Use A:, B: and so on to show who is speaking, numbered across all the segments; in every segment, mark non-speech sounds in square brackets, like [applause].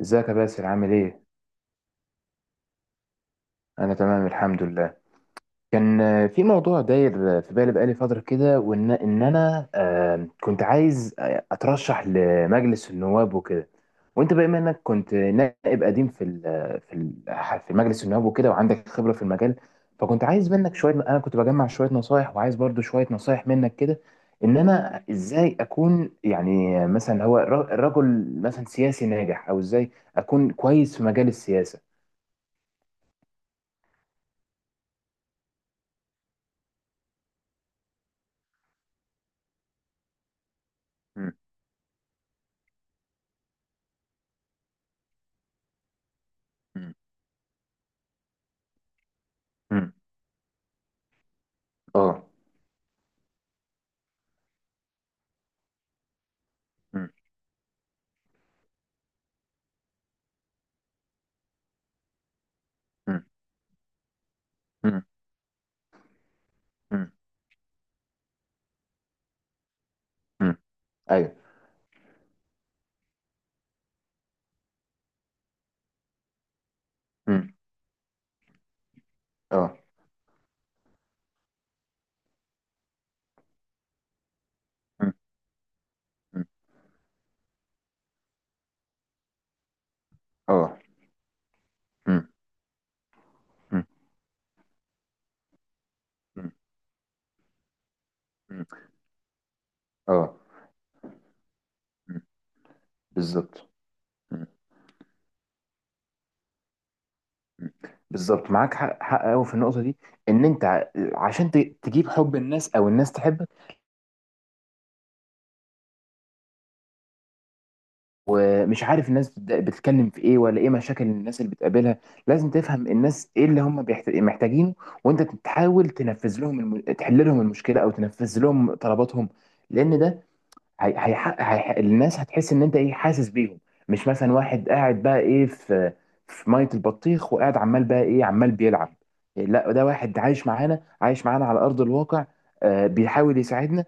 A: ازيك يا باسل عامل ايه؟ انا تمام الحمد لله. كان في موضوع داير في بالي بقالي فترة كده وان انا كنت عايز اترشح لمجلس النواب وكده. وانت بما انك كنت نائب قديم في ال- آه، في ال- في مجلس النواب وكده وعندك خبرة في المجال. فكنت عايز منك شوية، انا كنت بجمع شوية نصايح وعايز برضو شوية نصايح منك كده، ان انا ازاي اكون يعني مثلا هو رجل مثلا سياسي ناجح او ازاي اكون كويس في مجال السياسة. مم. مم. اه. مم. مم. مم. مم. مم. ايوه. مم. اه. مم. مم. اه. مم. مم. مم. مم. اه. مم. بالظبط. مم. مم. بالظبط، معاك حق، حق قوي في النقطه دي. ان انت ع- عشان تجيب حب الناس او الناس تحبك. ومش عارف الناس بتتكلم في ايه ولا ايه مشاكل الناس اللي بتقابلها. لازم تفهم الناس ايه اللي هم محتاجينه. وانت تحاول تنفذ لهم تحل لهم المشكله او تنفذ لهم طلباتهم. لان ده الناس هتحس ان انت ايه حاسس بيهم. مش مثلا واحد قاعد بقى ايه في ميه البطيخ وقاعد عمال بقى ايه عمال بيلعب. لا ده واحد عايش معانا عايش معانا على ارض الواقع. بيحاول يساعدنا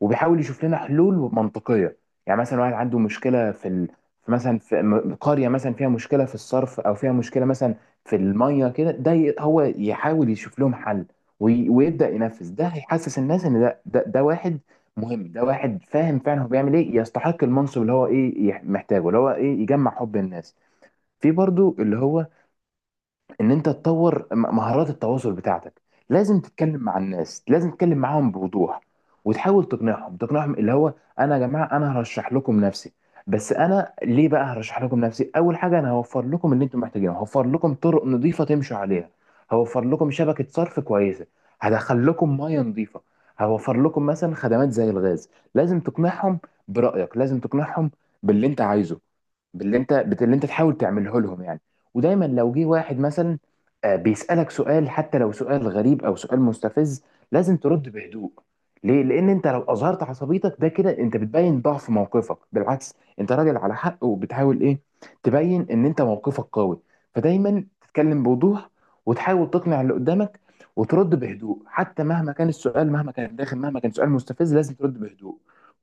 A: وبيحاول يشوف لنا حلول منطقيه. يعني مثلا واحد عنده مشكله في مثلا في قريه مثلا فيها مشكله في الصرف او فيها مشكله مثلا في الميه كده. ده هو يحاول يشوف لهم حل ويبدا ينفذ. ده هيحسس الناس ان ده واحد مهم، ده واحد فاهم فعلا هو بيعمل ايه، يستحق المنصب اللي هو ايه محتاجه، اللي هو ايه يجمع حب الناس. في برضو اللي هو ان انت تطور مهارات التواصل بتاعتك. لازم تتكلم مع الناس، لازم تتكلم معاهم بوضوح. وتحاول تقنعهم اللي هو: انا يا جماعه، انا هرشح لكم نفسي، بس انا ليه بقى هرشح لكم نفسي؟ اول حاجه انا هوفر لكم اللي انتم محتاجينه، هوفر لكم طرق نظيفه تمشوا عليها، هوفر لكم شبكه صرف كويسه، هدخل لكم ميه نظيفه، هوفر لكم مثلا خدمات زي الغاز. لازم تقنعهم، برأيك لازم تقنعهم باللي انت عايزه، باللي انت تحاول تعمله لهم يعني. ودايما لو جه واحد مثلا بيسألك سؤال، حتى لو سؤال غريب او سؤال مستفز، لازم ترد بهدوء. ليه؟ لان انت لو اظهرت عصبيتك، ده كده انت بتبين ضعف موقفك. بالعكس، انت راجل على حق وبتحاول ايه؟ تبين ان انت موقفك قوي. فدايما تتكلم بوضوح وتحاول تقنع اللي قدامك وترد بهدوء، حتى مهما كان السؤال، مهما كان داخل، مهما كان سؤال مستفز، لازم ترد بهدوء.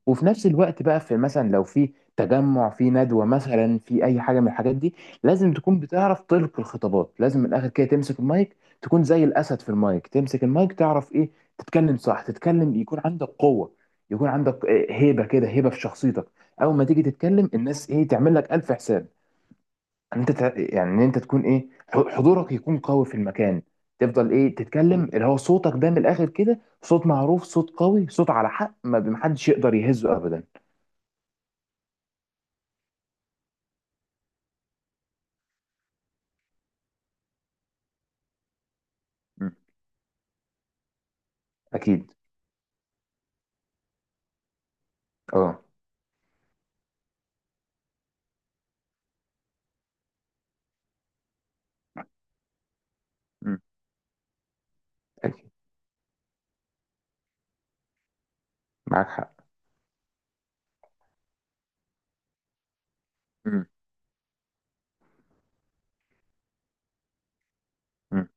A: وفي نفس الوقت بقى في مثلا لو في تجمع في ندوة مثلا، في اي حاجة من الحاجات دي، لازم تكون بتعرف تلقي الخطابات. لازم من الاخر كده تمسك المايك، تكون زي الاسد في المايك، تمسك المايك تعرف ايه، تتكلم صح، تتكلم يكون عندك قوه، يكون عندك هيبه كده، هيبه في شخصيتك. اول ما تيجي تتكلم الناس ايه تعمل لك الف حساب. يعني ان انت تكون ايه حضورك يكون قوي في المكان. تفضل ايه تتكلم اللي هو صوتك ده من الاخر كده صوت معروف، صوت قوي، صوت على حق، ما محدش يقدر يهزه ابدا. م. اكيد. اه. م. اكيد، معاك حق. م. م.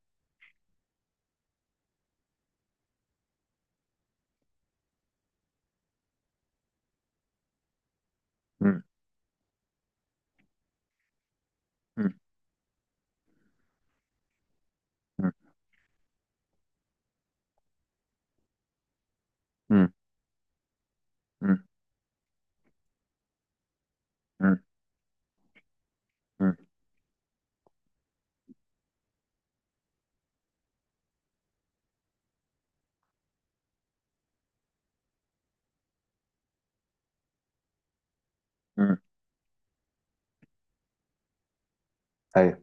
A: م. م. مم. مم. مم. مم. مم. ايوه.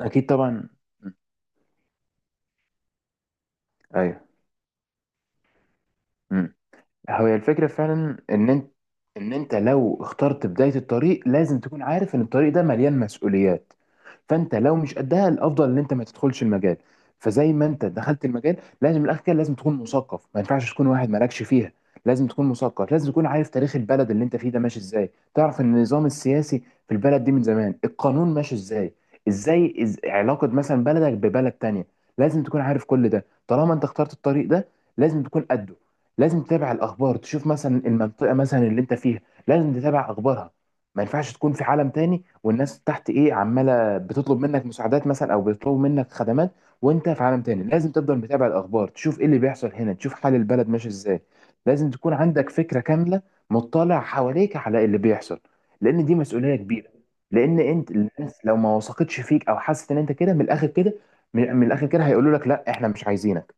A: اكيد طبعا. مم. ايوه. مم. هي الفكرة فعلا ان انت لو اخترت بداية الطريق لازم تكون عارف ان الطريق ده مليان مسؤوليات. فانت لو مش قدها، الافضل ان انت ما تدخلش المجال. فزي ما انت دخلت المجال، لازم من الاخر كده لازم تكون مثقف، ما ينفعش تكون واحد مالكش فيها. لازم تكون مثقف، لازم تكون عارف تاريخ البلد اللي انت فيه ده ماشي ازاي، تعرف ان النظام السياسي في البلد دي من زمان القانون ماشي ازاي، ازاي علاقة مثلا بلدك ببلد تانية. لازم تكون عارف كل ده طالما انت اخترت الطريق ده، لازم تكون قده. لازم تتابع الاخبار، تشوف مثلا المنطقه مثلا اللي انت فيها، لازم تتابع اخبارها. ما ينفعش تكون في عالم تاني والناس تحت ايه عماله بتطلب منك مساعدات مثلا او بيطلبوا منك خدمات وانت في عالم تاني. لازم تفضل متابع الاخبار، تشوف ايه اللي بيحصل هنا، تشوف حال البلد ماشي ازاي. لازم تكون عندك فكره كامله، مطلع حواليك على اللي بيحصل، لان دي مسؤوليه كبيره. لان انت الناس لو ما وثقتش فيك او حست ان انت كده من الاخر كده، من الاخر كده هيقولوا لك لا احنا مش عايزينك.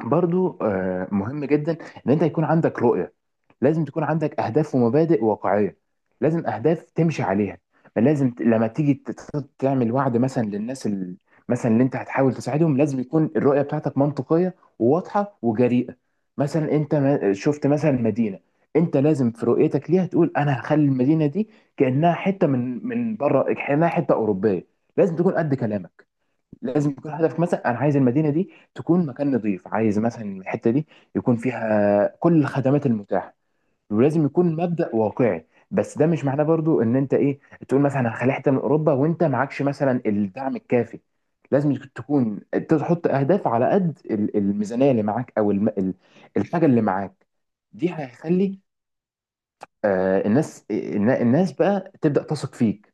A: برضو مهم جدا ان انت يكون عندك رؤية. لازم تكون عندك اهداف ومبادئ واقعية، لازم اهداف تمشي عليها. لازم لما تيجي تعمل وعد مثلا للناس، مثلا اللي انت هتحاول تساعدهم، لازم يكون الرؤية بتاعتك منطقية وواضحة وجريئة. مثلا انت شفت مثلا مدينة، انت لازم في رؤيتك ليها تقول انا هخلي المدينة دي كأنها حتة من بره، كأنها حتة أوروبية. لازم تكون قد كلامك. لازم يكون هدفك مثلا انا عايز المدينه دي تكون مكان نظيف، عايز مثلا الحته دي يكون فيها كل الخدمات المتاحه. ولازم يكون مبدأ واقعي، بس ده مش معناه برضو ان انت ايه تقول مثلا هخلي حته من اوروبا وانت معكش مثلا الدعم الكافي. لازم تكون تحط اهداف على قد الميزانيه اللي معاك او الحاجه اللي معاك. دي هيخلي الناس الناس بقى تبدأ تثق فيك،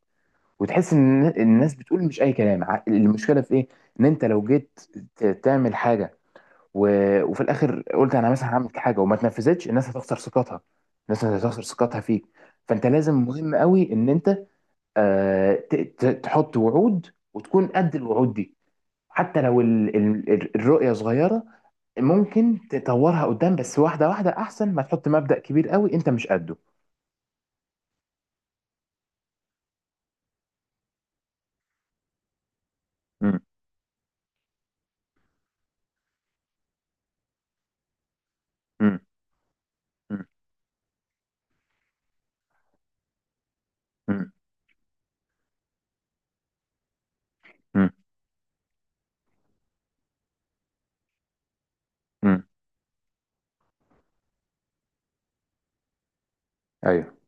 A: وتحس ان الناس بتقول مش اي كلام. المشكله في ايه؟ ان انت لو جيت تعمل حاجه، و... وفي الاخر قلت انا مثلا هعمل حاجه وما تنفذتش، الناس هتخسر ثقتها، الناس هتخسر ثقتها فيك. فانت لازم مهم قوي ان انت تحط وعود وتكون قد الوعود دي. حتى لو الرؤيه صغيره، ممكن تطورها قدام، بس واحده واحده احسن ما تحط مبدأ كبير قوي انت مش قده. مم. مم. مم. مم. مم. مم. ايوه.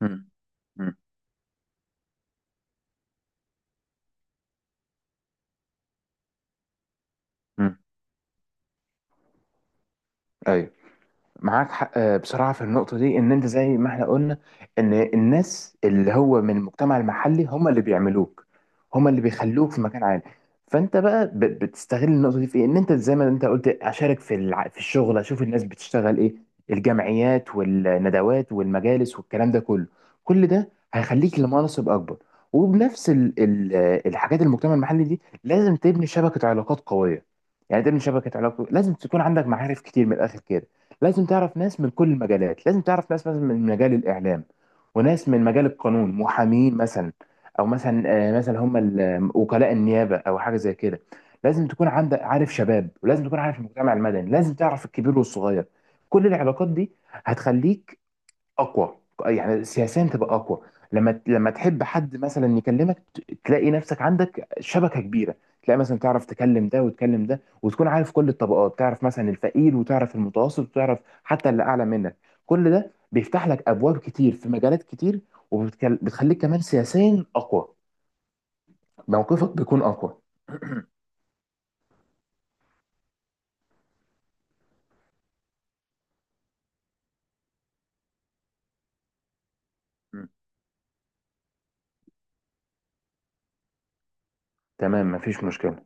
A: مم. مم. ايوه، معاك حق. بصراحه في النقطه دي، ان انت زي ما احنا قلنا، ان الناس اللي هو من المجتمع المحلي هم اللي بيعملوك، هم اللي بيخلوك في مكان عالي. فانت بقى بتستغل النقطه دي في إيه؟ ان انت زي ما انت قلت اشارك في الشغل، اشوف الناس بتشتغل ايه. الجمعيات والندوات والمجالس والكلام ده كله، كل ده هيخليك لمناصب اكبر. وبنفس ال... ال... آه، الحاجات المجتمع المحلي دي، لازم تبني شبكه علاقات قويه. يعني تبني شبكه علاقات، لازم تكون عندك معارف كتير من الاخر كده. لازم تعرف ناس من كل المجالات، لازم تعرف ناس مثلا من مجال الإعلام، وناس من مجال القانون، محامين مثلا، أو مثلا مثلا هم وكلاء النيابة أو حاجة زي كده. لازم تكون عندك عارف شباب، ولازم تكون عارف المجتمع المدني، لازم تعرف الكبير والصغير. كل العلاقات دي هتخليك اقوى، يعني سياسيا تبقى اقوى. لما تحب حد مثلا يكلمك، تلاقي نفسك عندك شبكه كبيره، تلاقي مثلا تعرف تكلم ده وتكلم ده، وتكون عارف كل الطبقات، تعرف مثلا الفقير، وتعرف المتوسط، وتعرف حتى اللي اعلى منك. كل ده بيفتح لك ابواب كتير في مجالات كتير، وبتخليك كمان سياسيا اقوى، موقفك بيكون اقوى. [clears throat] تمام مفيش مشكله.